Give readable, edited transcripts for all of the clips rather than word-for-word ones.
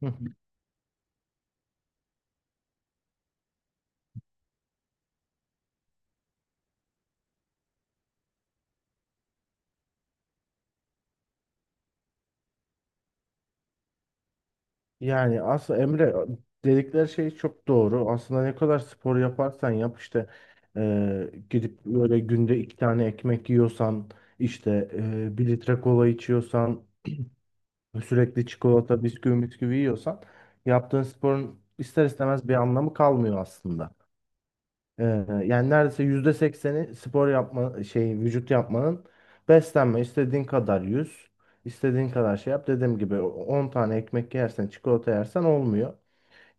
Hı hı. Yani aslında Emre dedikleri şey çok doğru. Aslında ne kadar spor yaparsan yap işte gidip böyle günde iki tane ekmek yiyorsan işte bir litre kola içiyorsan sürekli çikolata bisküvi yiyorsan yaptığın sporun ister istemez bir anlamı kalmıyor aslında. E, yani neredeyse %80'i spor yapma şey vücut yapmanın beslenme istediğin kadar yüz istediğin kadar şey yap. Dediğim gibi 10 tane ekmek yersen çikolata yersen olmuyor.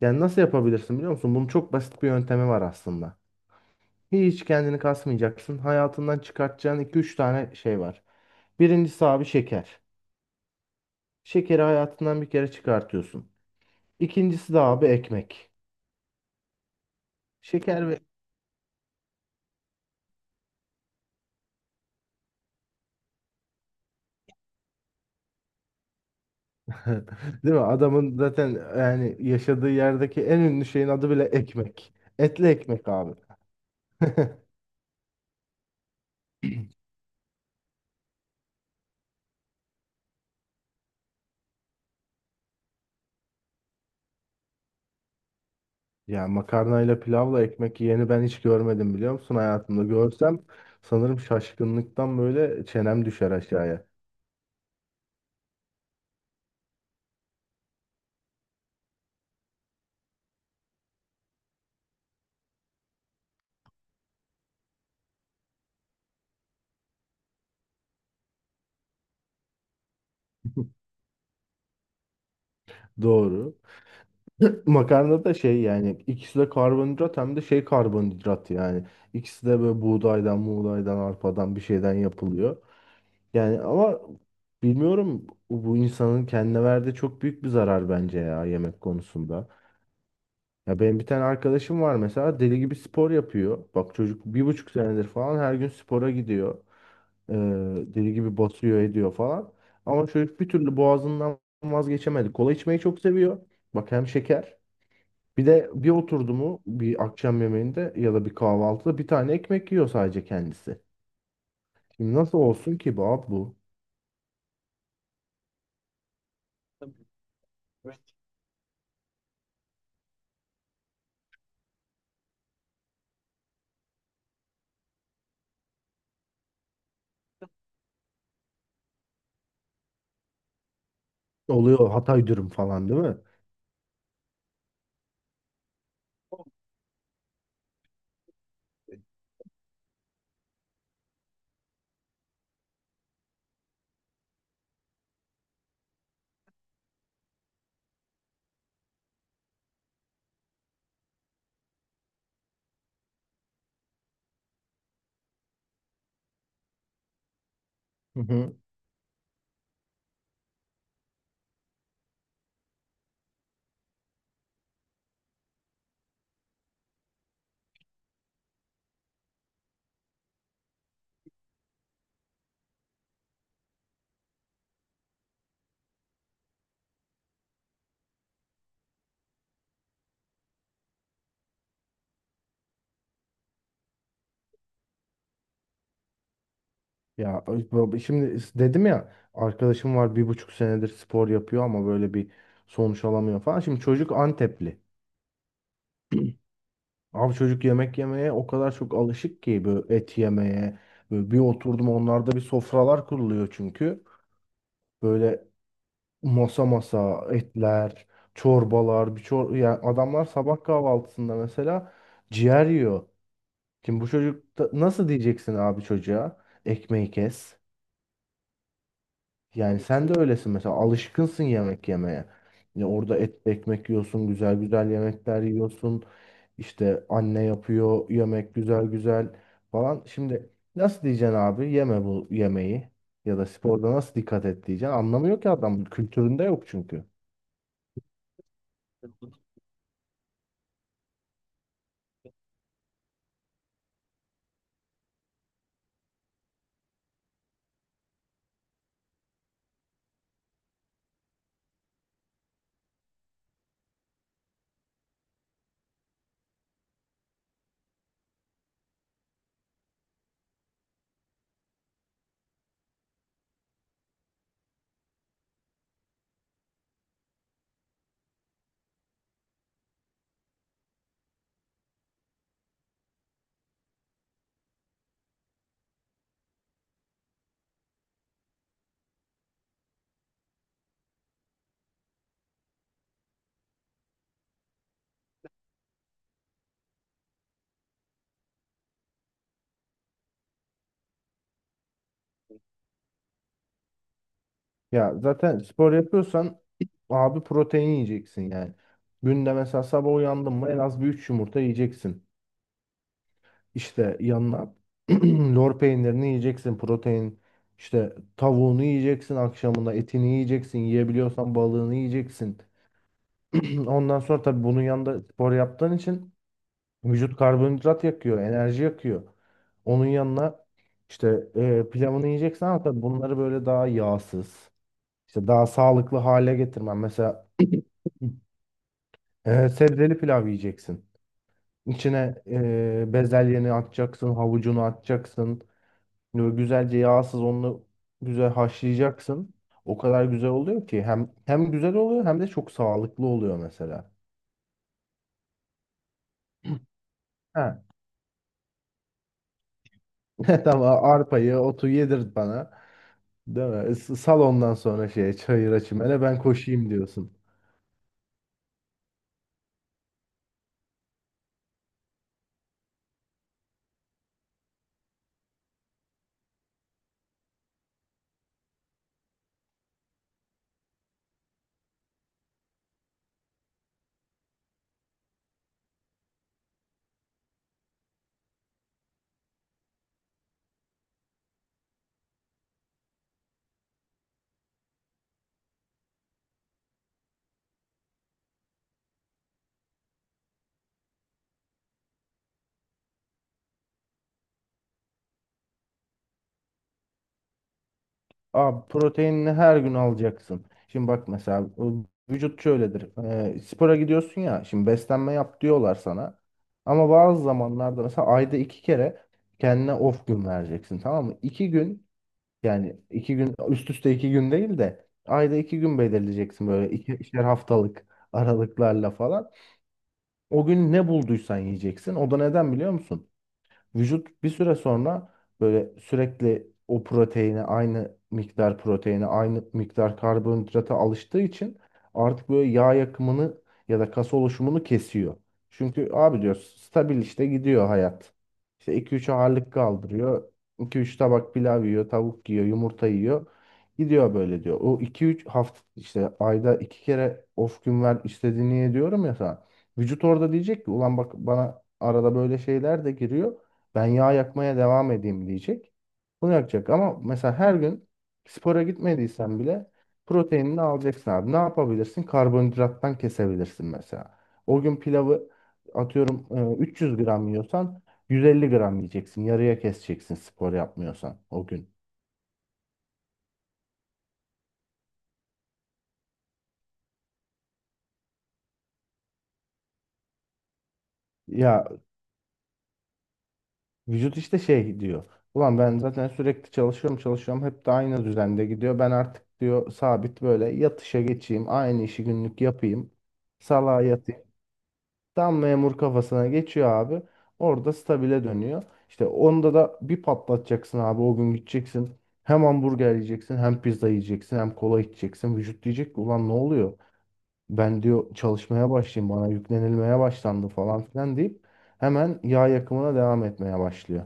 Yani nasıl yapabilirsin biliyor musun? Bunun çok basit bir yöntemi var aslında. Hiç kendini kasmayacaksın. Hayatından çıkartacağın iki üç tane şey var. Birincisi abi şeker. Şekeri hayatından bir kere çıkartıyorsun. İkincisi de abi ekmek. Şeker ve... Değil mi? Adamın zaten yani yaşadığı yerdeki en ünlü şeyin adı bile ekmek. Etli ekmek abi. Ya makarnayla pilavla ekmek yiyeni ben hiç görmedim biliyor musun hayatımda. Görsem sanırım şaşkınlıktan böyle çenem düşer aşağıya. Doğru. Makarna da şey yani ikisi de karbonhidrat hem de şey karbonhidrat yani. İkisi de böyle buğdaydan, arpadan bir şeyden yapılıyor. Yani ama bilmiyorum bu insanın kendine verdiği çok büyük bir zarar bence ya yemek konusunda. Ya benim bir tane arkadaşım var mesela deli gibi spor yapıyor. Bak çocuk bir buçuk senedir falan her gün spora gidiyor. Ee, deli gibi basıyor ediyor falan. Ama çocuk bir türlü boğazından vazgeçemedi. Kola içmeyi çok seviyor. Bak hem şeker. Bir de bir oturdu mu bir akşam yemeğinde ya da bir kahvaltıda bir tane ekmek yiyor sadece kendisi. Şimdi nasıl olsun ki bu abi bu? Oluyor Hatay dürüm falan değil mi? Hı hı. Ya abi şimdi dedim ya arkadaşım var bir buçuk senedir spor yapıyor ama böyle bir sonuç alamıyor falan. Şimdi çocuk Antepli. Abi çocuk yemek yemeye o kadar çok alışık ki böyle et yemeye. Böyle bir oturdum onlarda bir sofralar kuruluyor çünkü. Böyle masa masa etler, çorbalar, bir çor yani adamlar sabah kahvaltısında mesela ciğer yiyor. Şimdi bu çocuk da- nasıl diyeceksin abi çocuğa? Ekmeği kes. Yani sen de öylesin mesela alışkınsın yemek yemeye. Ya orada et ekmek yiyorsun, güzel güzel yemekler yiyorsun. İşte anne yapıyor yemek güzel güzel falan. Şimdi nasıl diyeceksin abi yeme bu yemeği ya da sporda nasıl dikkat et diyeceksin. Anlamıyor ki adam kültüründe yok çünkü. Ya zaten spor yapıyorsan abi protein yiyeceksin yani. Günde mesela sabah uyandın mı en az bir 3 yumurta yiyeceksin. İşte yanına lor peynirini yiyeceksin, protein işte tavuğunu yiyeceksin akşamında, etini yiyeceksin, yiyebiliyorsan balığını yiyeceksin. Ondan sonra tabii bunun yanında spor yaptığın için vücut karbonhidrat yakıyor, enerji yakıyor. Onun yanına işte pilavını yiyeceksin ama tabii bunları böyle daha yağsız, işte daha sağlıklı hale getirmen. Mesela sebzeli pilav yiyeceksin. İçine bezelyeni atacaksın, havucunu atacaksın. Böyle güzelce yağsız onu güzel haşlayacaksın. O kadar güzel oluyor ki hem güzel oluyor hem de çok sağlıklı oluyor mesela. Ha. Tamam arpayı, otu yedirt bana. Değil mi? S- Sal ondan sonra şeye çayıra çimene ben koşayım diyorsun. Abi proteinini her gün alacaksın. Şimdi bak mesela o vücut şöyledir. Spora gidiyorsun ya şimdi beslenme yap diyorlar sana. Ama bazı zamanlarda mesela ayda iki kere kendine off gün vereceksin tamam mı? İki gün yani iki gün üst üste iki gün değil de ayda iki gün belirleyeceksin böyle ikişer haftalık aralıklarla falan. O gün ne bulduysan yiyeceksin. O da neden biliyor musun? Vücut bir süre sonra böyle sürekli o proteine aynı miktar proteine aynı miktar karbonhidrata alıştığı için artık böyle yağ yakımını ya da kas oluşumunu kesiyor. Çünkü abi diyor stabil işte gidiyor hayat. İşte iki üç ağırlık kaldırıyor. İki üç tabak pilav yiyor, tavuk yiyor, yumurta yiyor. Gidiyor böyle diyor. O iki üç hafta işte ayda iki kere off gün ver istediğini ye diyorum ya sana. Vücut orada diyecek ki ulan bak bana arada böyle şeyler de giriyor. Ben yağ yakmaya devam edeyim diyecek. Bunu yakacak ama mesela her gün spora gitmediysen bile proteinini alacaksın abi. Ne yapabilirsin? Karbonhidrattan kesebilirsin mesela. O gün pilavı atıyorum 300 gram yiyorsan 150 gram yiyeceksin. Yarıya keseceksin spor yapmıyorsan o gün. Ya vücut işte şey diyor. Ulan ben zaten sürekli çalışıyorum çalışıyorum hep de aynı düzende gidiyor. Ben artık diyor sabit böyle yatışa geçeyim aynı işi günlük yapayım. Salağa yatayım. Tam memur kafasına geçiyor abi. Orada stabile dönüyor. İşte onda da bir patlatacaksın abi. O gün gideceksin. Hem hamburger yiyeceksin, hem pizza yiyeceksin, hem kola içeceksin. Vücut diyecek ki ulan ne oluyor? Ben diyor çalışmaya başlayayım. Bana yüklenilmeye başlandı falan filan deyip hemen yağ yakımına devam etmeye başlıyor.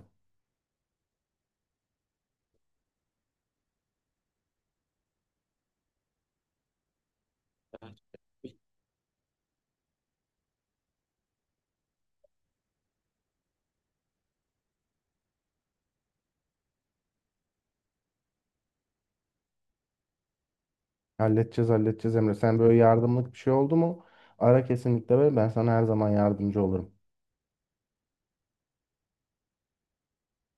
Halledeceğiz, halledeceğiz Emre. Sen böyle yardımlık bir şey oldu mu? Ara kesinlikle ve ben sana her zaman yardımcı olurum.